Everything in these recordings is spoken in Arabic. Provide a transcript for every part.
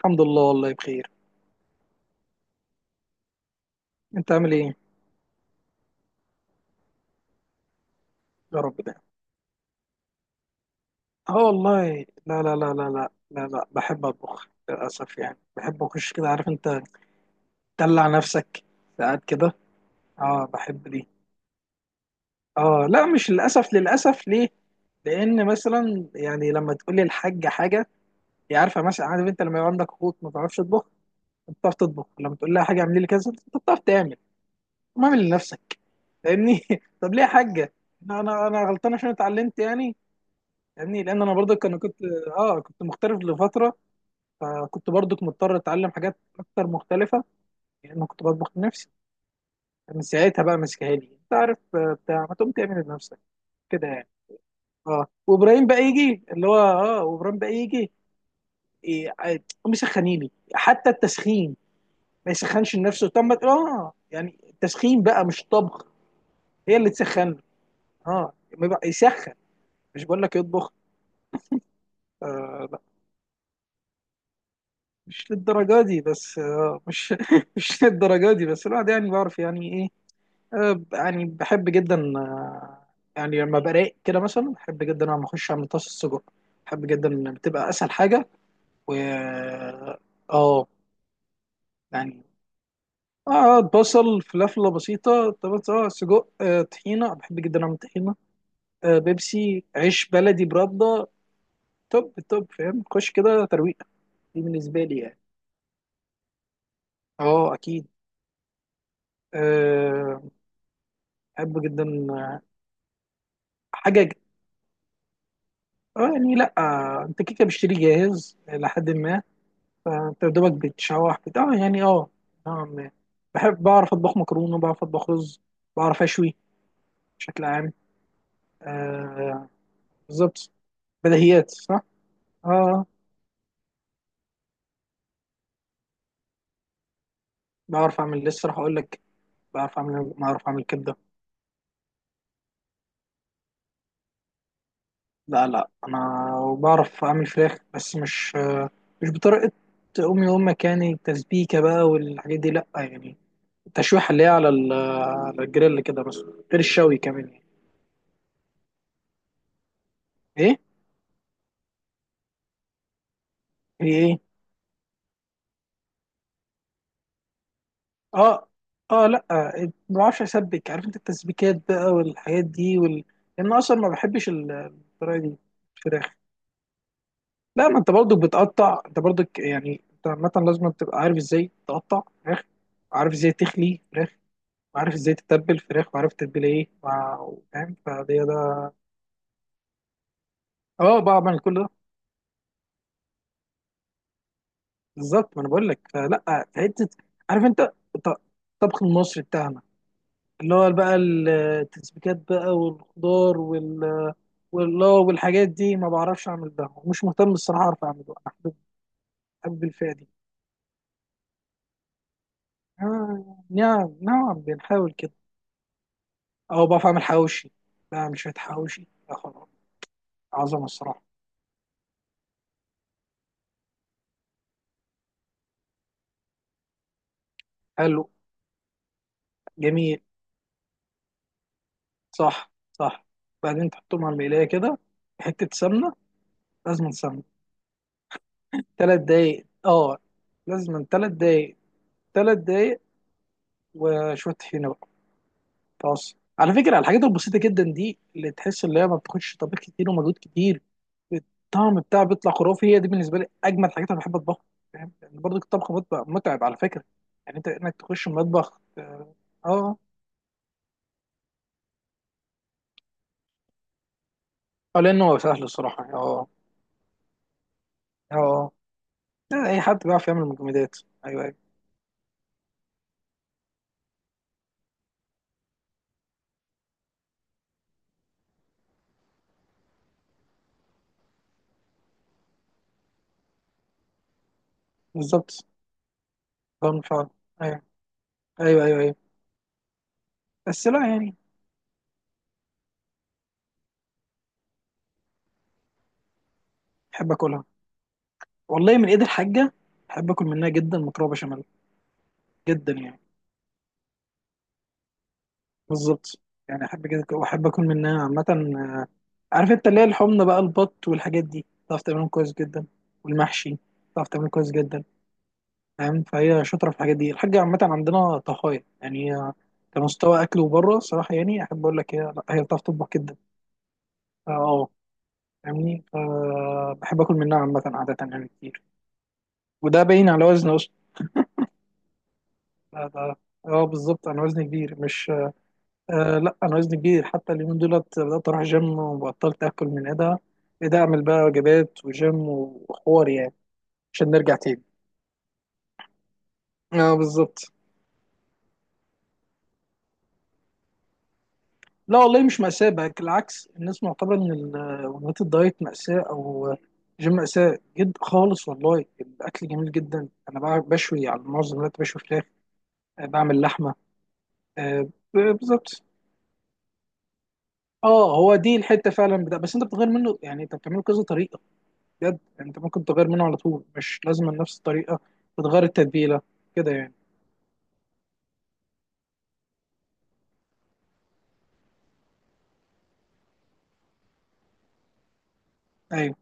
الحمد لله، والله بخير. انت عامل ايه؟ يا رب ده. اه والله لا لا لا لا لا لا لا، بحب اطبخ للاسف. يعني بحب اخش كده، عارف انت، تدلع نفسك ساعات كده. اه بحب دي. اه لا، مش للاسف، للاسف ليه؟ لان مثلا يعني لما تقول لي الحاجه حاجه، هي عارفه مثلا. عارف انت، لما يبقى عندك اخوك ما بتعرفش تطبخ، انت بتعرف تطبخ، لما تقول لها حاجه اعملي لي كذا، انت بتعرف تعمل. ما اعمل لنفسك. فاهمني؟ طب ليه يا حاجه. انا انا أنا غلطان عشان اتعلمت يعني. فاهمني، لان انا برضك انا كنت مغترب لفتره. فكنت برضك مضطر اتعلم حاجات اكتر مختلفه. لان كنت بطبخ لنفسي. من ساعتها بقى ماسكها لي، انت عارف، بتاع ما تقوم تعمل لنفسك. كده يعني. اه وابراهيم بقى يجي اللي هو اه وابراهيم بقى يجي، إيه، عاد، قوم يسخنيني حتى التسخين. ما يسخنش لنفسه؟ طب ما يعني التسخين بقى مش طبخ. هي اللي تسخن. اه ما يسخن. مش بقول لك يطبخ. آه، مش للدرجة دي بس. آه، مش مش للدرجة دي بس، الواحد يعني بعرف يعني ايه. يعني بحب جدا. يعني لما براق كده مثلا، بحب جدا لما اخش اعمل طاسة سجق. بحب جدا إن بتبقى اسهل حاجة. و آه، يعني اه بصل فلفلة بسيطة طبعا، سجق، طحينة. بحب جدا اعمل طحينة. بيبسي، عيش بلدي برده. توب توب، فاهم، خش كده ترويقة. دي بالنسبة لي يعني. اه اكيد. آه، بحب جدا. حاجه اه يعني لا، انت كيكه بتشتري جاهز لحد ما. فانت دوبك بتشوح بت... اه يعني نوعاً ما. بحب، بعرف اطبخ مكرونه، بعرف اطبخ رز، بعرف اشوي. بشكل عام. آه بالظبط. بديهيات صح. اه، بعرف اعمل، لسه راح اقول لك، بعرف اعمل كبده. لا لا، انا وبعرف اعمل فراخ، بس مش، مش بطريقه امي وامك يعني. تسبيكه بقى والحاجات دي لا يعني. تشويحه اللي هي على على الجريل كده، بس غير الشوي كمان يعني. ايه ايه ايه. اه اه لا، ما بعرفش اسبك، عارف انت، التسبيكات بقى والحاجات دي لان اصلا ما بحبش الطريقه دي. الفراخ. لا، ما انت برضو بتقطع، انت برضو يعني انت عامه لازم تبقى عارف ازاي تقطع فراخ، وعارف ازاي تخلي فراخ، وعارف ازاي تتبل فراخ، وعارف تتبل ايه فاهم؟ فده ده. اه بعمل كل ده. بالظبط، ما انا بقول لك، فلا في حته، عارف انت، الط- الطبخ المصري بتاعنا، اللي هو بقى التسبيكات بقى والخضار والحاجات دي، ما بعرفش اعمل ده، ومش مهتم الصراحه اعرف اعمله انا. حابب، حابب الفئه دي. نعم نعم، بنحاول كده. او بعرف اعمل حواوشي. لا مش شويه حواوشي، يا خراب، عظمه الصراحه. حلو. جميل. صح صح. بعدين تحطهم على المقلايه كده. حته سمنه. لازم سمنه. 3 دقايق اه. لازم 3 دقايق. 3 دقايق. وشويه طحينه. بص على فكرة، الحاجات البسيطة جدا دي اللي تحس اللي هي ما بتاخدش طبيخ كتير ومجهود كتير، الطعم بتاعها بيطلع خرافي. هي دي بالنسبة لي أجمل حاجات أنا بحب أطبخها. فاهم؟ لأن برضه الطبخ مطبخ متعب على فكرة. يعني أنت إنك تخش المطبخ. آه. آه، لأن هو سهل الصراحة. آه آه. لا، أي حد بيعرف يعمل مجمدات. أيوه أيوه. بالظبط. ضمن فعلا. أيوه أيوه أيوه. أيوه. بس لا يعني. بحب أكلها، والله، من إيد الحاجة. بحب أكل منها جدا مكرونة بشاميل. جدا يعني. بالظبط. يعني احب كده واحب اكل منها عامه. آه، عارف انت، اللي هي الحمص بقى، البط والحاجات دي، تعرف تعملهم كويس جدا. والمحشي تعرف تعمله كويس جدا. فاهم؟ فهي شاطره في الحاجات دي. الحاجه عامه عندنا طهايه يعني. هي كمستوى اكل وبره صراحه يعني، احب اقول لك، هي لا، هي بتعرف تطبخ جدا. فا فاهمني. فبحب اكل منها عامه عاده يعني كتير. وده باين على وزني اصلا. ده- ده- اه بالظبط، انا وزني كبير، مش. آه لا، انا وزني كبير. حتى اليومين دولت بدات اروح جيم، وبطلت اكل من ايدها، اعمل بقى وجبات وجيم وحوار يعني. عشان نرجع تاني. اه بالظبط. لا والله مش مأساة بقى، بالعكس. الناس معتبرة ان وجبات الدايت مأساة او جيم مأساة جد خالص. والله الاكل جميل جدا. انا بقى بشوي على معظم الوقت، بشوي فراخ، بعمل لحمة. آه، بالظبط. اه هو دي الحتة فعلا بتاع، بس انت بتغير منه يعني، انت بتعمله كذا طريقة. بجد انت ممكن تغير منه على طول، مش لازم نفس الطريقه، وتغير التتبيله كده يعني. ايوه.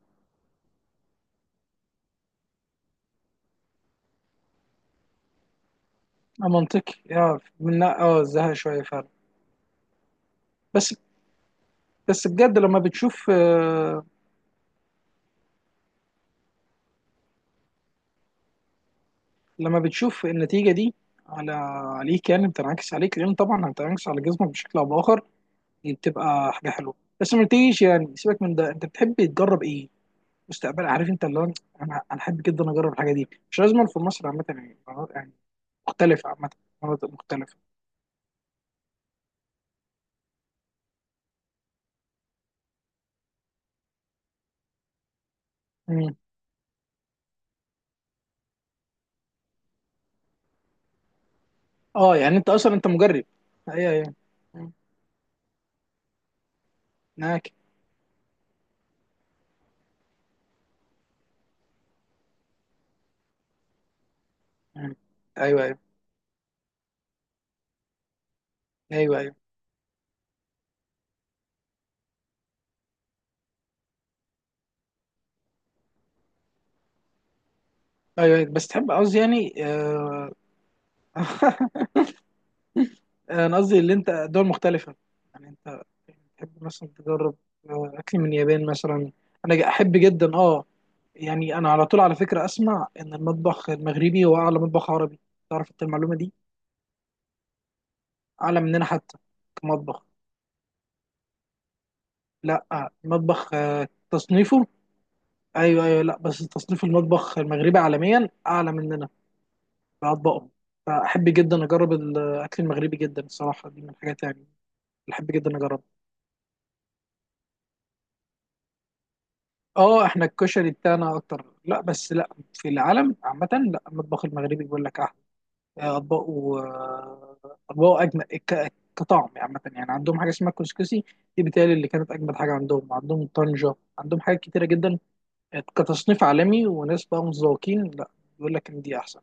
منطقي، يا من اه، زهق شويه فعلا. بس بس بجد، لما بتشوف النتيجه دي على، عليك يعني، بتنعكس عليك، لان طبعا هتنعكس على جسمك بشكل او باخر. دي بتبقى حاجه حلوه. بس ما تيجيش يعني، سيبك من ده، انت بتحب تجرب ايه مستقبل؟ عارف انت، اللي هو، انا احب جدا اجرب الحاجه دي، مش لازم في مصر عامه يعني. يعني مختلفه عامه، مناطق مختلفه. اه يعني انت اصلا انت مجرب. ايوه ايوه. مم. معاك. مم. ايوه ايوه ايوه. ايوه ايوه أيوة. بس تحب قصدي يعني. آه، انا قصدي اللي انت دول مختلفه، يعني انت تحب مثلا تجرب اكل من اليابان مثلا. انا احب جدا اه. يعني انا على طول على فكره اسمع ان المطبخ المغربي هو اعلى مطبخ عربي، تعرف انت المعلومه دي؟ اعلى مننا حتى، كمطبخ. لا المطبخ تصنيفه. ايوه ايوه، لا بس تصنيف المطبخ المغربي عالميا اعلى من، بأطباقهم. فأحب جدا أجرب الأكل المغربي جدا الصراحة، دي من الحاجات يعني اللي أحب جدا أجربها. أه إحنا الكشري بتاعنا أكتر. لا بس لا، في العالم عامة لا، المطبخ المغربي بيقول لك أحلى أطباقه، أطباقه أجمل كطعم يعني عامة. يعني عندهم حاجة اسمها كسكسي، دي بتهيألي اللي كانت أجمل حاجة عندهم. عندهم طنجة، عندهم حاجات كتيرة جدا، كتصنيف عالمي وناس بقى متذوقين، لا، بيقول لك إن دي أحسن.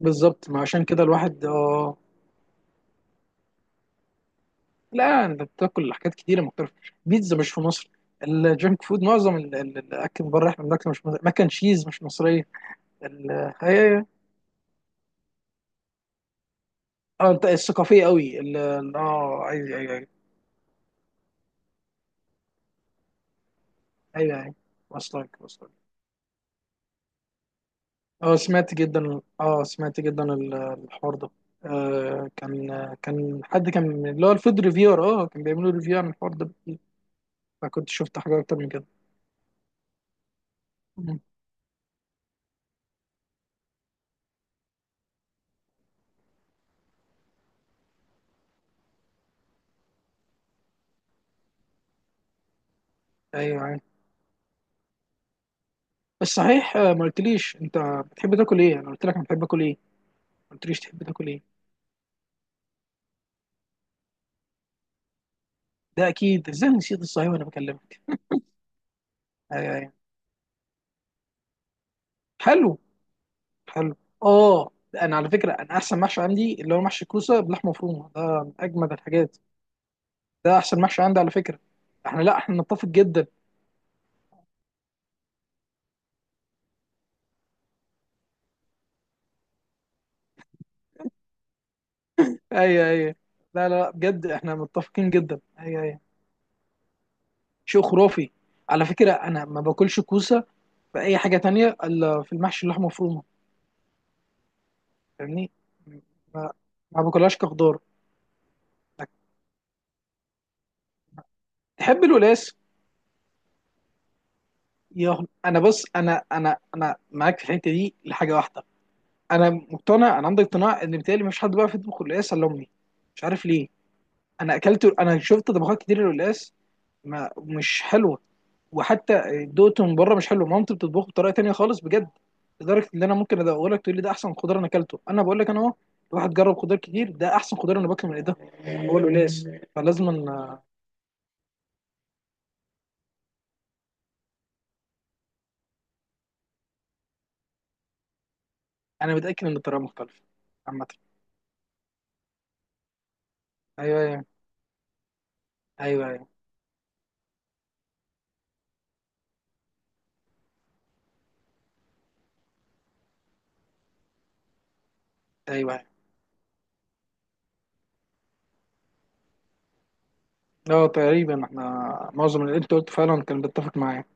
بالظبط، ما عشان كده الواحد اه. لا انت بتاكل حاجات كتيره مختلفه. بيتزا مش في مصر. الجنك فود، معظم الاكل بره احنا بناكله مش مصري، ماكن تشيز مش مصريه. ال- هي اه انت الثقافيه قوي اه ايوه ايوه ايوه. ايوه ايوه. وصلك وصلك. اه سمعت جدا، اه سمعت جدا الحوار ده. آه كان كان حد كان اللي هو الفود ريفيور، اه كان بيعملوا ريفيو عن الحوار ده بكتير. فكنت شفت حاجات اكتر من كده. مم. ايوه ايوه. بس صحيح، ما قلتليش انت بتحب تاكل ايه. انا قلت لك انا بحب اكل ايه، قلت ليش تحب تاكل ايه. ده اكيد، ازاي نسيت الصحيح وانا بكلمك. أيوة أيوة. حلو. حلو. اه، انا على فكره انا احسن محشي عندي اللي هو محشي كوسه بلحمه مفرومه، ده من اجمد الحاجات. ده احسن محشي عندي على فكره. احنا لا، احنا نتفق جدا. ايوه ايوه. لا لا لا، بجد احنا متفقين جدا. ايوه ايوه. شيء خرافي. على فكره انا ما باكلش كوسه في اي حاجه تانية الا في المحشي، اللحمه مفرومه. فاهمني. ما, ما باكلهاش كخضار. تحب الولاس؟ يا انا، بص، انا معاك في الحته دي لحاجه واحده. انا مقتنع، انا عندي اقتناع ان بالتالي مفيش حد بقى في يطبخ القلقاس الا امي. مش عارف ليه. انا شفت طبخات كتير للقلقاس، ما مش حلوه، وحتى دقته من بره مش حلو. مامتي بتطبخه بطريقه تانية خالص بجد. لدرجه ان انا ممكن ادوق لك، تقول لي ده احسن خضار انا اكلته. انا بقول لك، انا اهو، الواحد جرب خضار كتير، ده احسن خضار انا باكله من ايدها. هو القلقاس. فلازم انا متاكد ان الطريقه مختلفه عامه. ايوه ايوه، ايوه ايوه. أيوة. اه تقريبا احنا معظم اللي انت قلته فعلا كان بيتفق معايا.